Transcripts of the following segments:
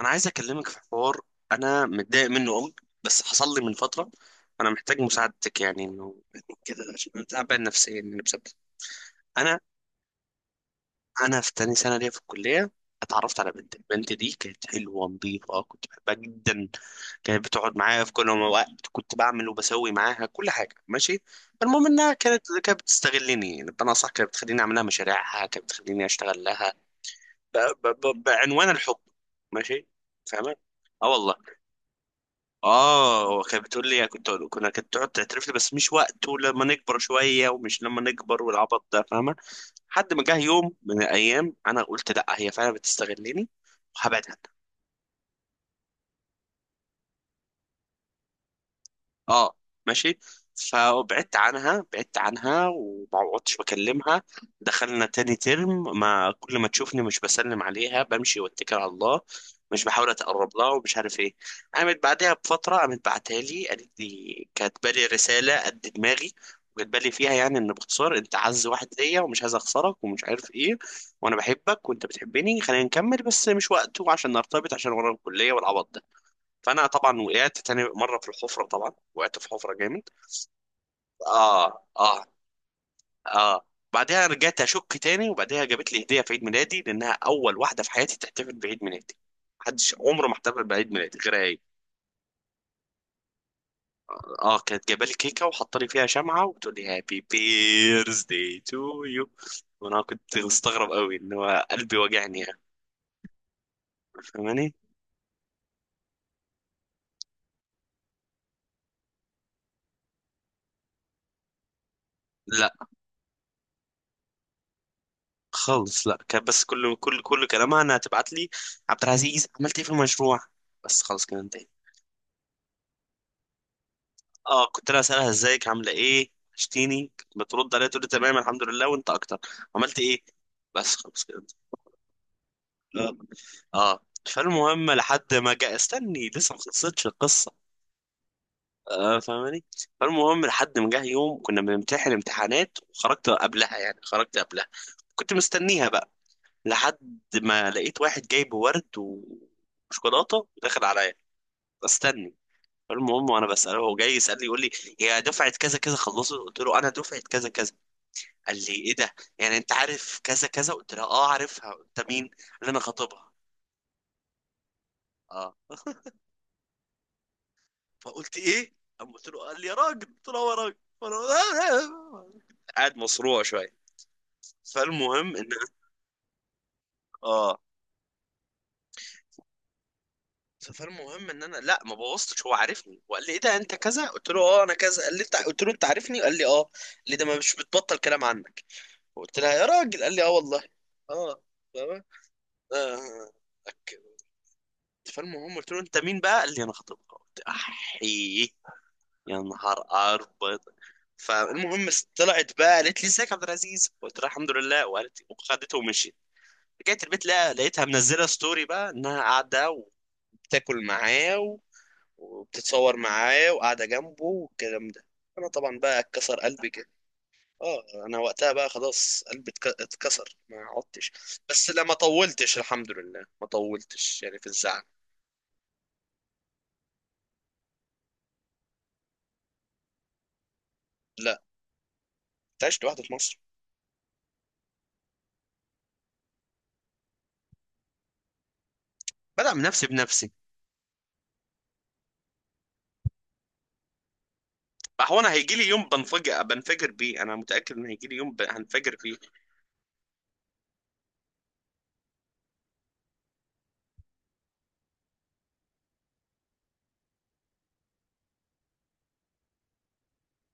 انا عايز اكلمك في حوار. انا متضايق منه قوي بس حصل لي من فتره. انا محتاج مساعدتك، يعني انه كده عشان انا تعبان نفسيا يعني بسبب. انا انا في تاني سنه ليا في الكليه، اتعرفت على بنت. البنت دي كانت حلوه نظيفه كنت بحبها جدا، كانت بتقعد معايا في كل وقت، كنت بعمل وبسوي معاها كل حاجه، ماشي. المهم انها كانت بتستغلني، يعني بمعنى اصح كانت بتخليني اعمل لها مشاريعها، كانت بتخليني اشتغل لها ب... بعنوان الحب، ماشي، فاهمه؟ اه والله. اه، هو كانت بتقول لي يعني، كنت كنا كانت تقعد تعترف لي، بس مش وقته، لما نكبر شويه، ومش لما نكبر والعبط ده، فاهمه؟ لحد ما جه يوم من الايام انا قلت لا، هي فعلا بتستغلني وهبعد عنها. اه، ماشي. فبعدت عنها، بعدت عنها وما عدتش بكلمها. دخلنا تاني ترم، ما كل ما تشوفني مش بسلم عليها، بمشي واتكل على الله، مش بحاول اتقرب لها ومش عارف ايه. قامت بعدها بفتره، قامت بعتها لي، قالت لي كاتبه لي رساله قد دماغي، وكاتبه لي فيها يعني ان، باختصار، انت اعز واحد ليا ومش عايز اخسرك ومش عارف ايه، وانا بحبك وانت بتحبني، خلينا نكمل، بس مش وقته عشان نرتبط، عشان ورا الكليه والعبط ده. فانا طبعا وقعت تاني مره في الحفره، طبعا وقعت في حفره جامد. اه، اه، اه. بعدها رجعت اشك تاني، وبعدها جابت لي هديه في عيد ميلادي، لانها اول واحده في حياتي تحتفل بعيد ميلادي، محدش عمره ما احتفل بعيد ميلادي غير هي. اه، كانت جايبه لي كيكه وحاطه لي فيها شمعه، وبتقول لي هابي بيرثدي تو يو، وانا كنت مستغرب قوي ان هو قلبي وجعني يعني، فاهماني؟ لا خالص، لا كان بس كل كلامها انها تبعت لي، عبد العزيز عملت ايه في المشروع؟ بس خلاص كده انتهينا. اه، كنت انا اسالها ازيك، عامله ايه، وحشتيني، كنت بترد عليها تقول لي تمام الحمد لله وانت اكتر، عملت ايه؟ بس خلاص كده. اه، اه. فالمهم لحد ما جاء، استني لسه ما خلصتش القصه. فاهماني؟ فالمهم لحد ما جه يوم كنا بنمتحن امتحانات، وخرجت قبلها، يعني خرجت قبلها، كنت مستنيها بقى، لحد ما لقيت واحد جايب ورد وشوكولاته داخل عليا. استني. فالمهم وانا بساله، هو جاي يسالني، يقول لي هي دفعه كذا كذا خلصت، قلت له انا دفعه كذا كذا، قال لي ايه ده، يعني انت عارف كذا كذا؟ قلت له اه عارفها، انت مين؟ قال لي انا خطيبها. اه. فقلت ايه، قام قلت له، قال لي يا راجل، قلت له يا راجل. فأنا- قاعد مصروع شويه. فالمهم ان، اه، فالمهم ان انا، لا ما بوظتش، هو عارفني، وقال لي ايه ده انت كذا، قلت له اه انا كذا، قال لي انت، قلت له انت عارفني، قال لي اه، قال لي ده ما مش بتبطل كلام عنك. قلت لها يا راجل، قال لي اه والله. اه. فاهمة؟ اه. أك- فالمهم قلت له انت مين بقى؟ قال لي انا خطيبها، قلت احي، يا نهار أبيض. فالمهم طلعت بقى، قالت لي ازيك يا عبد العزيز، قلت لها الحمد لله، وقالت وخدته ومشيت. رجعت البيت، لا لقيتها منزله ستوري بقى انها قاعده وبتاكل معاه وبتتصور معاه وقاعده جنبه والكلام ده. انا طبعا بقى اتكسر قلبي كده. اه، انا وقتها بقى خلاص قلبي اتكسر، ما عدتش. بس لا ما طولتش، الحمد لله، ما طولتش يعني في الزعل. لا. انت عشت لوحدك في مصر. بدعم نفسي بنفسي. هو انا هيجي لي يوم بنفجر، بيه، انا متاكد ان هيجي لي يوم هنفجر فيه.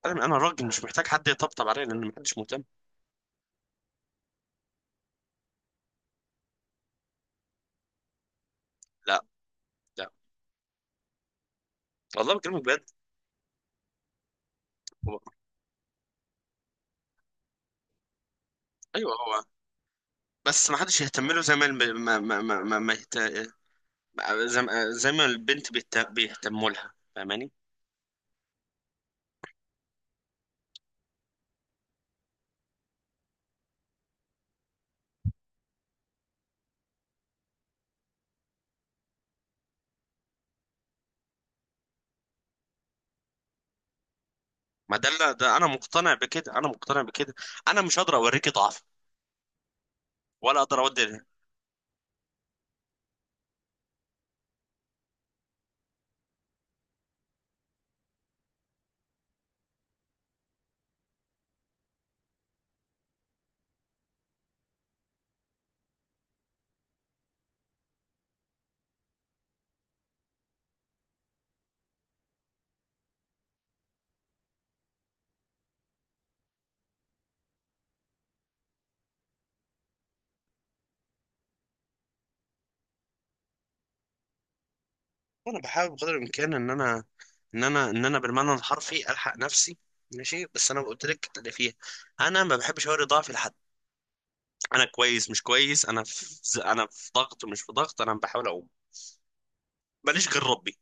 انا راجل، مش محتاج حد يطبطب عليا، لان محدش مهتم. لا، لا، والله بكلمك بجد. هو... ايوه هو، بس ما حدش يهتم له، زي ما زي ما البنت بيهتموا لها، فاهماني؟ ما ده ده انا مقتنع بكده، انا مقتنع بكده. انا مش هقدر اوريكي ضعف ولا اقدر اودي. انا بحاول بقدر الامكان ان انا، ان انا بالمعنى الحرفي الحق نفسي. ماشي، بس انا قلت لك اللي فيها، انا ما بحبش اوري ضعفي لحد. انا كويس مش كويس، انا في، انا في ضغط مش في ضغط، انا بحاول اقوم، ماليش غير ربي.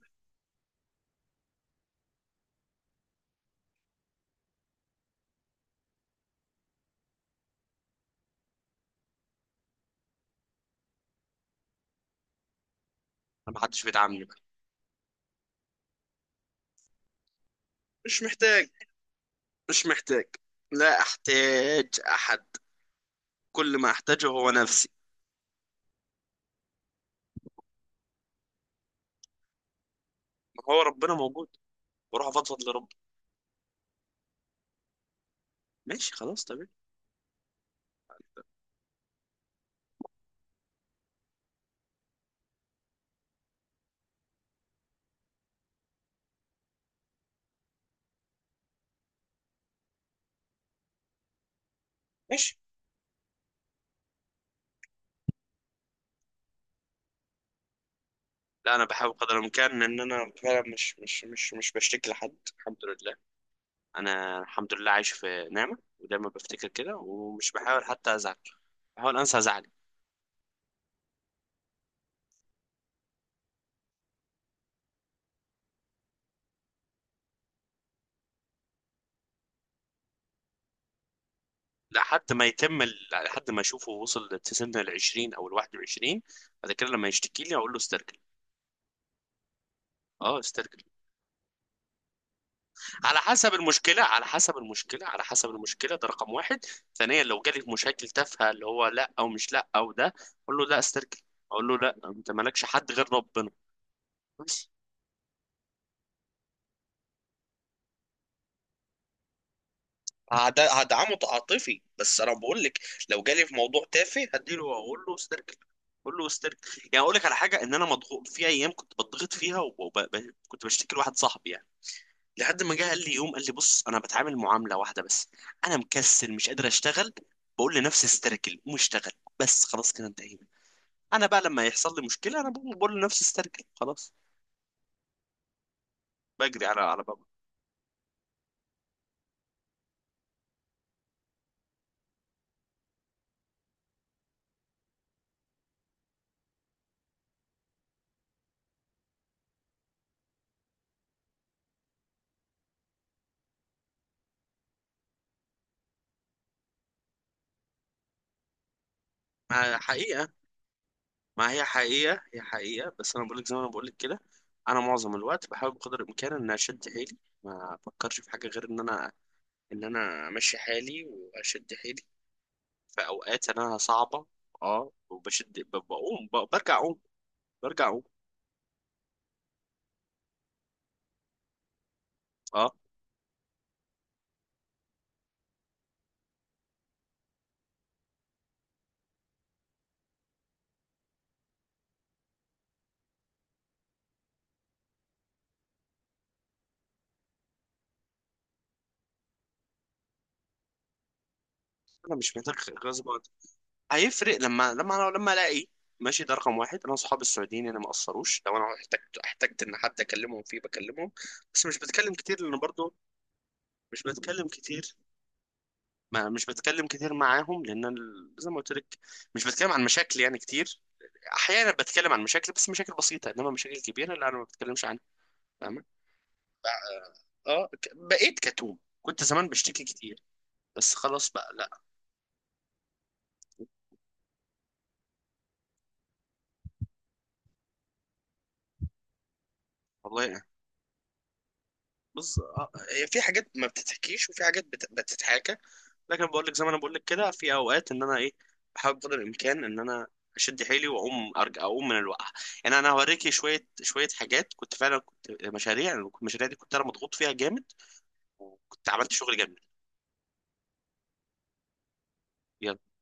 انا ما حدش بيدعمني بقى. مش محتاج، مش محتاج، لا احتاج احد، كل ما احتاجه هو نفسي. ما هو ربنا موجود، واروح افضفض لربي. ماشي، خلاص، تمام. ماشي. لا، انا بحاول قدر الامكان ان انا فعلا مش بشتكي لحد الحمد لله. انا الحمد لله عايش في نعمه، ودايما بفتكر كده، ومش بحاول حتى ازعل، بحاول انسى زعلي. لحد ما يتم لحد ما اشوفه وصل لسن ال 20 او ال 21، بعد كده لما يشتكي لي اقول له استرجل. اه، استرجل. على حسب المشكله، على حسب المشكله، على حسب المشكله، ده رقم واحد. ثانيا، لو جالي مشاكل تافهه اللي هو لا او مش لا او ده، اقول له لا استرجل، اقول له لا انت مالكش حد غير ربنا. هدعمه عاطفي بس انا بقول لك، لو جالي في موضوع تافه، هديله واقول له استركل. اقول له استركل، يعني اقول لك على حاجه، ان انا مضغوط في ايام كنت بضغط فيها، وكنت بشتكي لواحد صاحبي يعني، لحد ما جه قال لي يوم، قال لي بص انا بتعامل معامله واحده بس، انا مكسل مش قادر اشتغل، بقول لنفسي استركل، مش اشتغل. بس خلاص كده انتهينا. انا بقى لما يحصل لي مشكله، انا بقول لنفسي استركل، خلاص، بجري على بابا. ما حقيقه، ما هي حقيقة، هي حقيقة، بس أنا بقولك زي ما أنا بقولك كده. أنا معظم الوقت بحاول بقدر الإمكان إن أشد حيلي، ما أفكرش في حاجة غير إن أنا أمشي حالي وأشد حيلي في أوقات أنا صعبة. أه، وبشد بقوم، برجع أقوم، برجع أقوم. أه. أنا مش محتاج، غصب عني. هيفرق لما، لما ألاقي. ماشي، ده رقم واحد، أنا صحابي السعوديين أنا ما قصروش، لو أنا احتجت، إن حد أكلمهم فيه بكلمهم. بس مش بتكلم كتير، لأن برضه مش بتكلم كتير. ما مش بتكلم كتير معاهم، لان زي ما قلت لك، مش بتكلم عن مشاكل يعني كتير. احيانا بتكلم عن مشاكل، بس مشاكل بسيطه، انما مشاكل كبيره لا، انا ما بتكلمش عنها، فاهمه؟ اه، بقيت كتوم، كنت زمان بشتكي كتير، بس خلاص بقى لا. والله يعني. بص، هي في حاجات ما بتتحكيش، وفي حاجات بتتحكى، لكن بقول لك زي ما انا بقول لك كده، في اوقات ان انا ايه، بحاول قدر الامكان ان انا اشد حيلي واقوم، ارجع اقوم من الوقعه. يعني انا هوريكي شويه شويه حاجات كنت فعلا كنت، مشاريع. المشاريع دي كنت انا مضغوط فيها جامد، وكنت عملت شغل جميل. يلا.